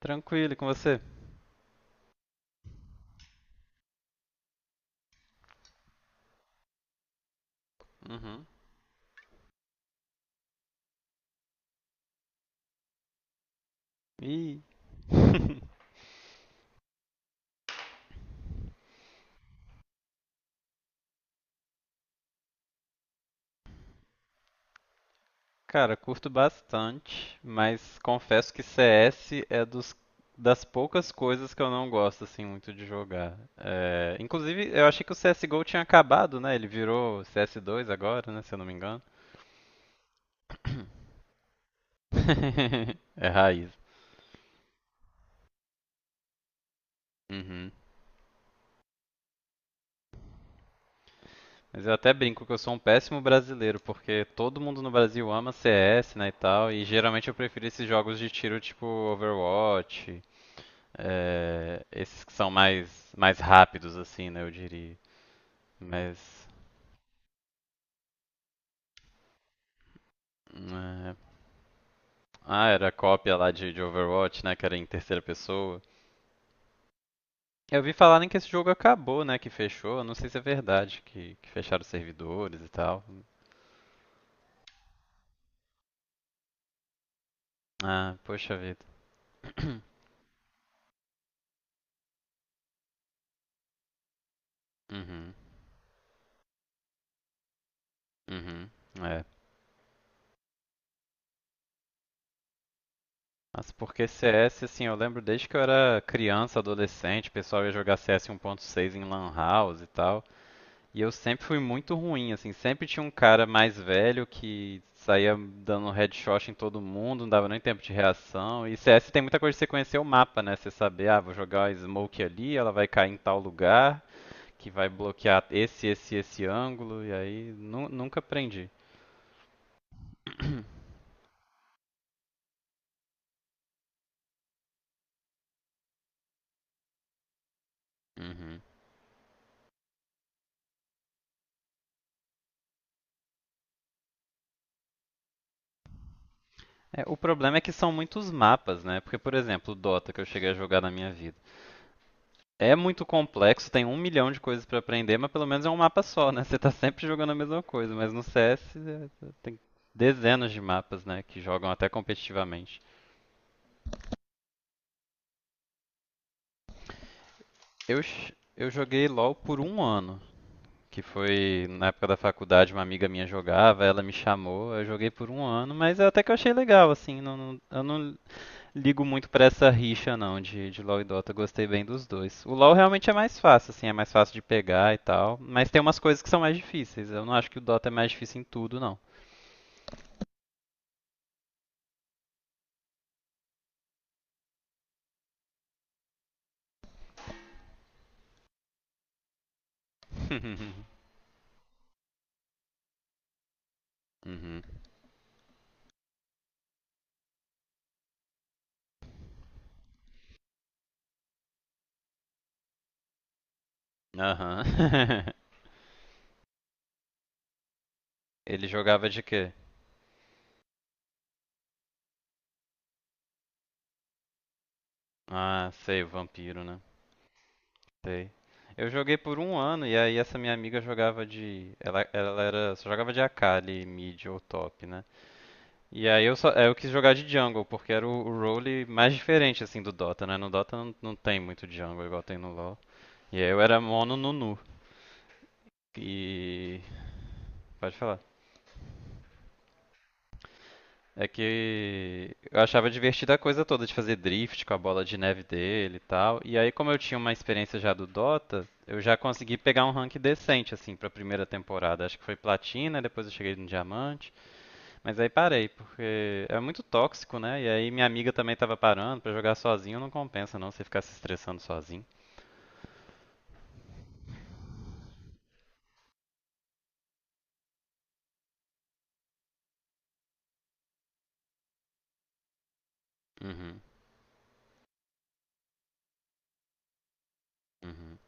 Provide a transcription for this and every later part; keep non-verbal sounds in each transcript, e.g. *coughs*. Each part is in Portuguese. Tranquilo, e com você? Uhum. Ih. *laughs* Cara, curto bastante, mas confesso que CS é das poucas coisas que eu não gosto assim muito de jogar. É, inclusive, eu achei que o CSGO tinha acabado, né? Ele virou CS2 agora, né? Se eu não me engano. *coughs* *laughs* É raiz. Uhum. Mas eu até brinco que eu sou um péssimo brasileiro, porque todo mundo no Brasil ama CS, né, e tal, e geralmente eu prefiro esses jogos de tiro tipo Overwatch. É, esses que são mais rápidos, assim, né, eu diria. Mas. é, Ah, era a cópia lá de Overwatch, né? Que era em terceira pessoa. Eu vi falarem que esse jogo acabou, né? Que fechou. Eu não sei se é verdade, que fecharam os servidores e tal. Ah, poxa vida. *coughs* *clears throat* Uhum. Uhum. É. Mas porque CS, assim, eu lembro desde que eu era criança, adolescente, o pessoal ia jogar CS 1.6 em Lan House e tal. E eu sempre fui muito ruim, assim, sempre tinha um cara mais velho que saía dando um headshot em todo mundo, não dava nem tempo de reação. E CS tem muita coisa de você conhecer o mapa, né? Você saber, ah, vou jogar a smoke ali, ela vai cair em tal lugar, que vai bloquear esse ângulo, e aí nunca aprendi. *clears throat* Uhum. É, o problema é que são muitos mapas, né? Porque, por exemplo, o Dota que eu cheguei a jogar na minha vida. É muito complexo, tem um milhão de coisas pra aprender, mas pelo menos é um mapa só, né? Você tá sempre jogando a mesma coisa, mas no CS é, tem dezenas de mapas, né? Que jogam até competitivamente. Eu joguei LoL por um ano, que foi na época da faculdade, uma amiga minha jogava, ela me chamou, eu joguei por um ano, mas até que eu achei legal, assim, eu não ligo muito pra essa rixa, não, de LoL e Dota. Gostei bem dos dois. O LoL realmente é mais fácil, assim, é mais fácil de pegar e tal. Mas tem umas coisas que são mais difíceis. Eu não acho que o Dota é mais difícil em tudo, não. *laughs* Uhum. Aham. *laughs* Ele jogava de quê? Ah, sei, o vampiro, né? Sei. Eu joguei por um ano e aí essa minha amiga jogava de. Ela era. Só jogava de Akali, mid ou top, né? E aí eu quis jogar de jungle, porque era o role mais diferente assim do Dota, né? No Dota não tem muito jungle igual tem no LoL. E aí eu era mono Nunu. E. Pode falar. É que eu achava divertida a coisa toda de fazer drift com a bola de neve dele e tal. E aí, como eu tinha uma experiência já do Dota, eu já consegui pegar um rank decente, assim, pra primeira temporada. Acho que foi platina, depois eu cheguei no diamante. Mas aí parei, porque é muito tóxico, né? E aí minha amiga também tava parando, pra jogar sozinho não compensa não você ficar se estressando sozinho. Uhum, uhum,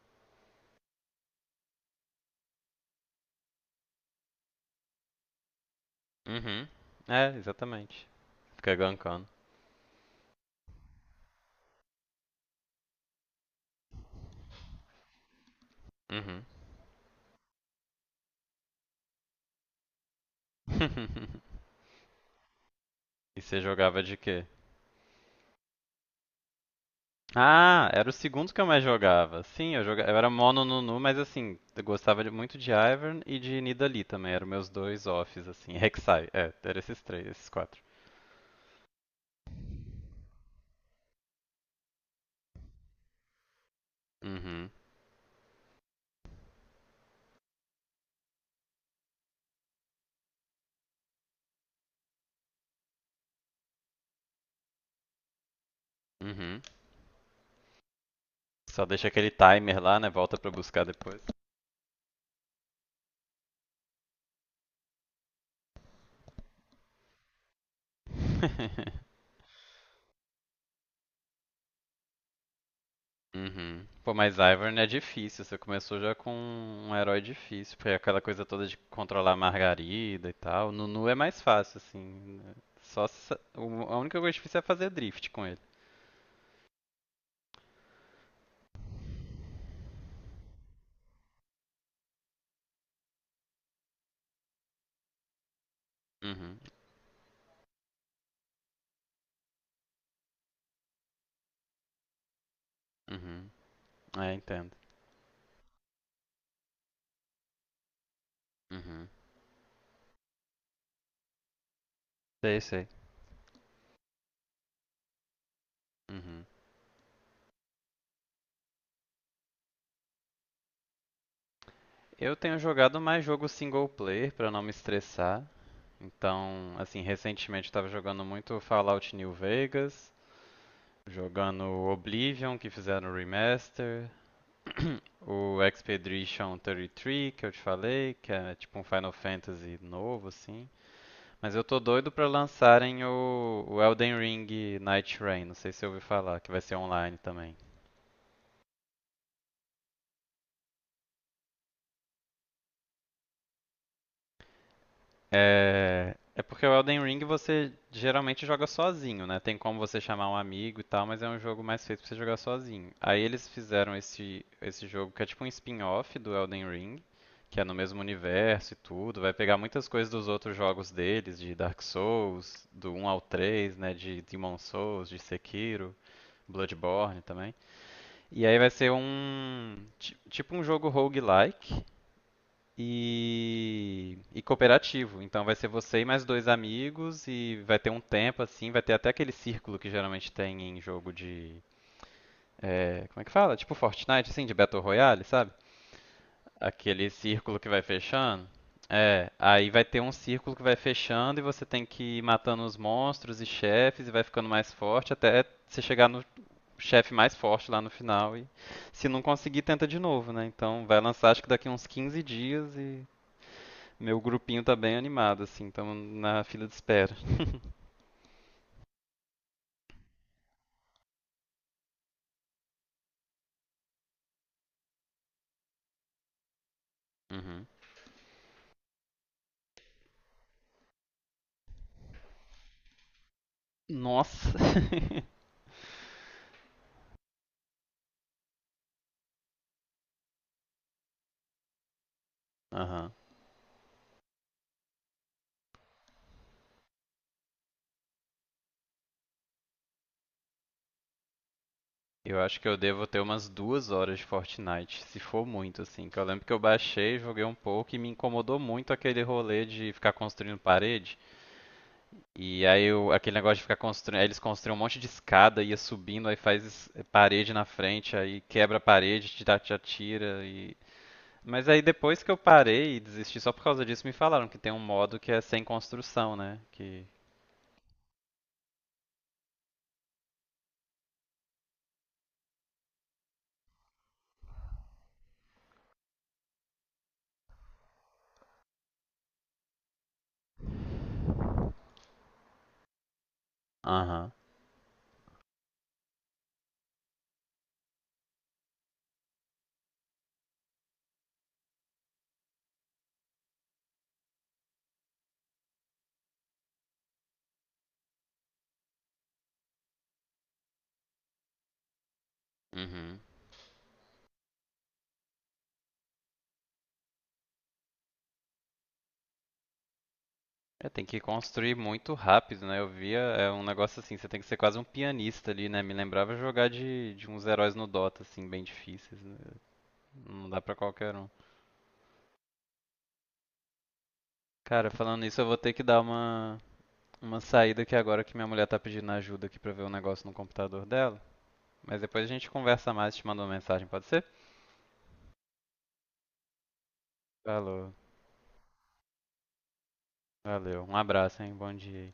uhum. É, exatamente. Fica gankando. Uhum. *laughs* E você jogava de quê? Ah, era o segundo que eu mais jogava. Sim, eu era mono Nunu, mas assim, eu gostava muito de Ivern e de Nidalee também, eram meus dois offs, assim, *laughs* Rek'Sai, eram esses três, esses quatro. Uhum, uhum. Só deixa aquele timer lá, né, volta pra buscar depois. *laughs* Uhum. Pô, mas Ivern é difícil. Você começou já com um herói difícil, porque aquela coisa toda de controlar a Margarida e tal. Nunu é mais fácil, assim. A única coisa difícil é fazer drift com ele. Uhum. Uhum. É, entendo. Uhum. Sei, sei. Uhum. Eu tenho jogado mais jogo single player pra não me estressar. Então, assim, recentemente eu tava jogando muito Fallout New Vegas, jogando Oblivion, que fizeram o remaster. O Expedition 33, que eu te falei, que é tipo um Final Fantasy novo, assim. Mas eu tô doido pra lançarem o Elden Ring Night Rain, não sei se você ouviu falar, que vai ser online também. É porque o Elden Ring você geralmente joga sozinho, né? Tem como você chamar um amigo e tal, mas é um jogo mais feito pra você jogar sozinho. Aí eles fizeram esse jogo que é tipo um spin-off do Elden Ring, que é no mesmo universo e tudo. Vai pegar muitas coisas dos outros jogos deles, de Dark Souls, do 1 ao 3, né? De Demon Souls, de Sekiro, Bloodborne também. E aí vai ser Tipo um jogo roguelike e cooperativo. Então vai ser você e mais dois amigos e vai ter um tempo assim, vai ter até aquele círculo que geralmente tem em jogo de como é que fala? Tipo Fortnite, assim, de Battle Royale, sabe? Aquele círculo que vai fechando. É, aí vai ter um círculo que vai fechando e você tem que ir matando os monstros e chefes e vai ficando mais forte até você chegar no chefe mais forte lá no final e, se não conseguir, tenta de novo, né? Então vai lançar acho que daqui uns 15 dias e meu grupinho tá bem animado, assim, estamos na fila de espera. Uhum. Nossa! *laughs* Aham. Eu acho que eu devo ter umas 2 horas de Fortnite, se for muito, assim. Que eu lembro que eu baixei, joguei um pouco e me incomodou muito aquele rolê de ficar construindo parede. E aí aquele negócio de ficar construindo. Aí eles construíam um monte de escada, ia subindo, aí faz parede na frente, aí quebra a parede, te atira. Mas aí depois que eu parei e desisti só por causa disso, me falaram que tem um modo que é sem construção, né? Que Aham. Uhum. É, tem que construir muito rápido, né? Eu via, é um negócio assim, você tem que ser quase um pianista ali, né? Me lembrava jogar de uns heróis no Dota, assim, bem difíceis, né? Não dá pra qualquer um. Cara, falando nisso, eu vou ter que dar uma saída aqui agora que minha mulher tá pedindo ajuda aqui pra ver um negócio no computador dela. Mas depois a gente conversa mais, te mando uma mensagem, pode ser? Falou, valeu, um abraço, hein? Bom dia.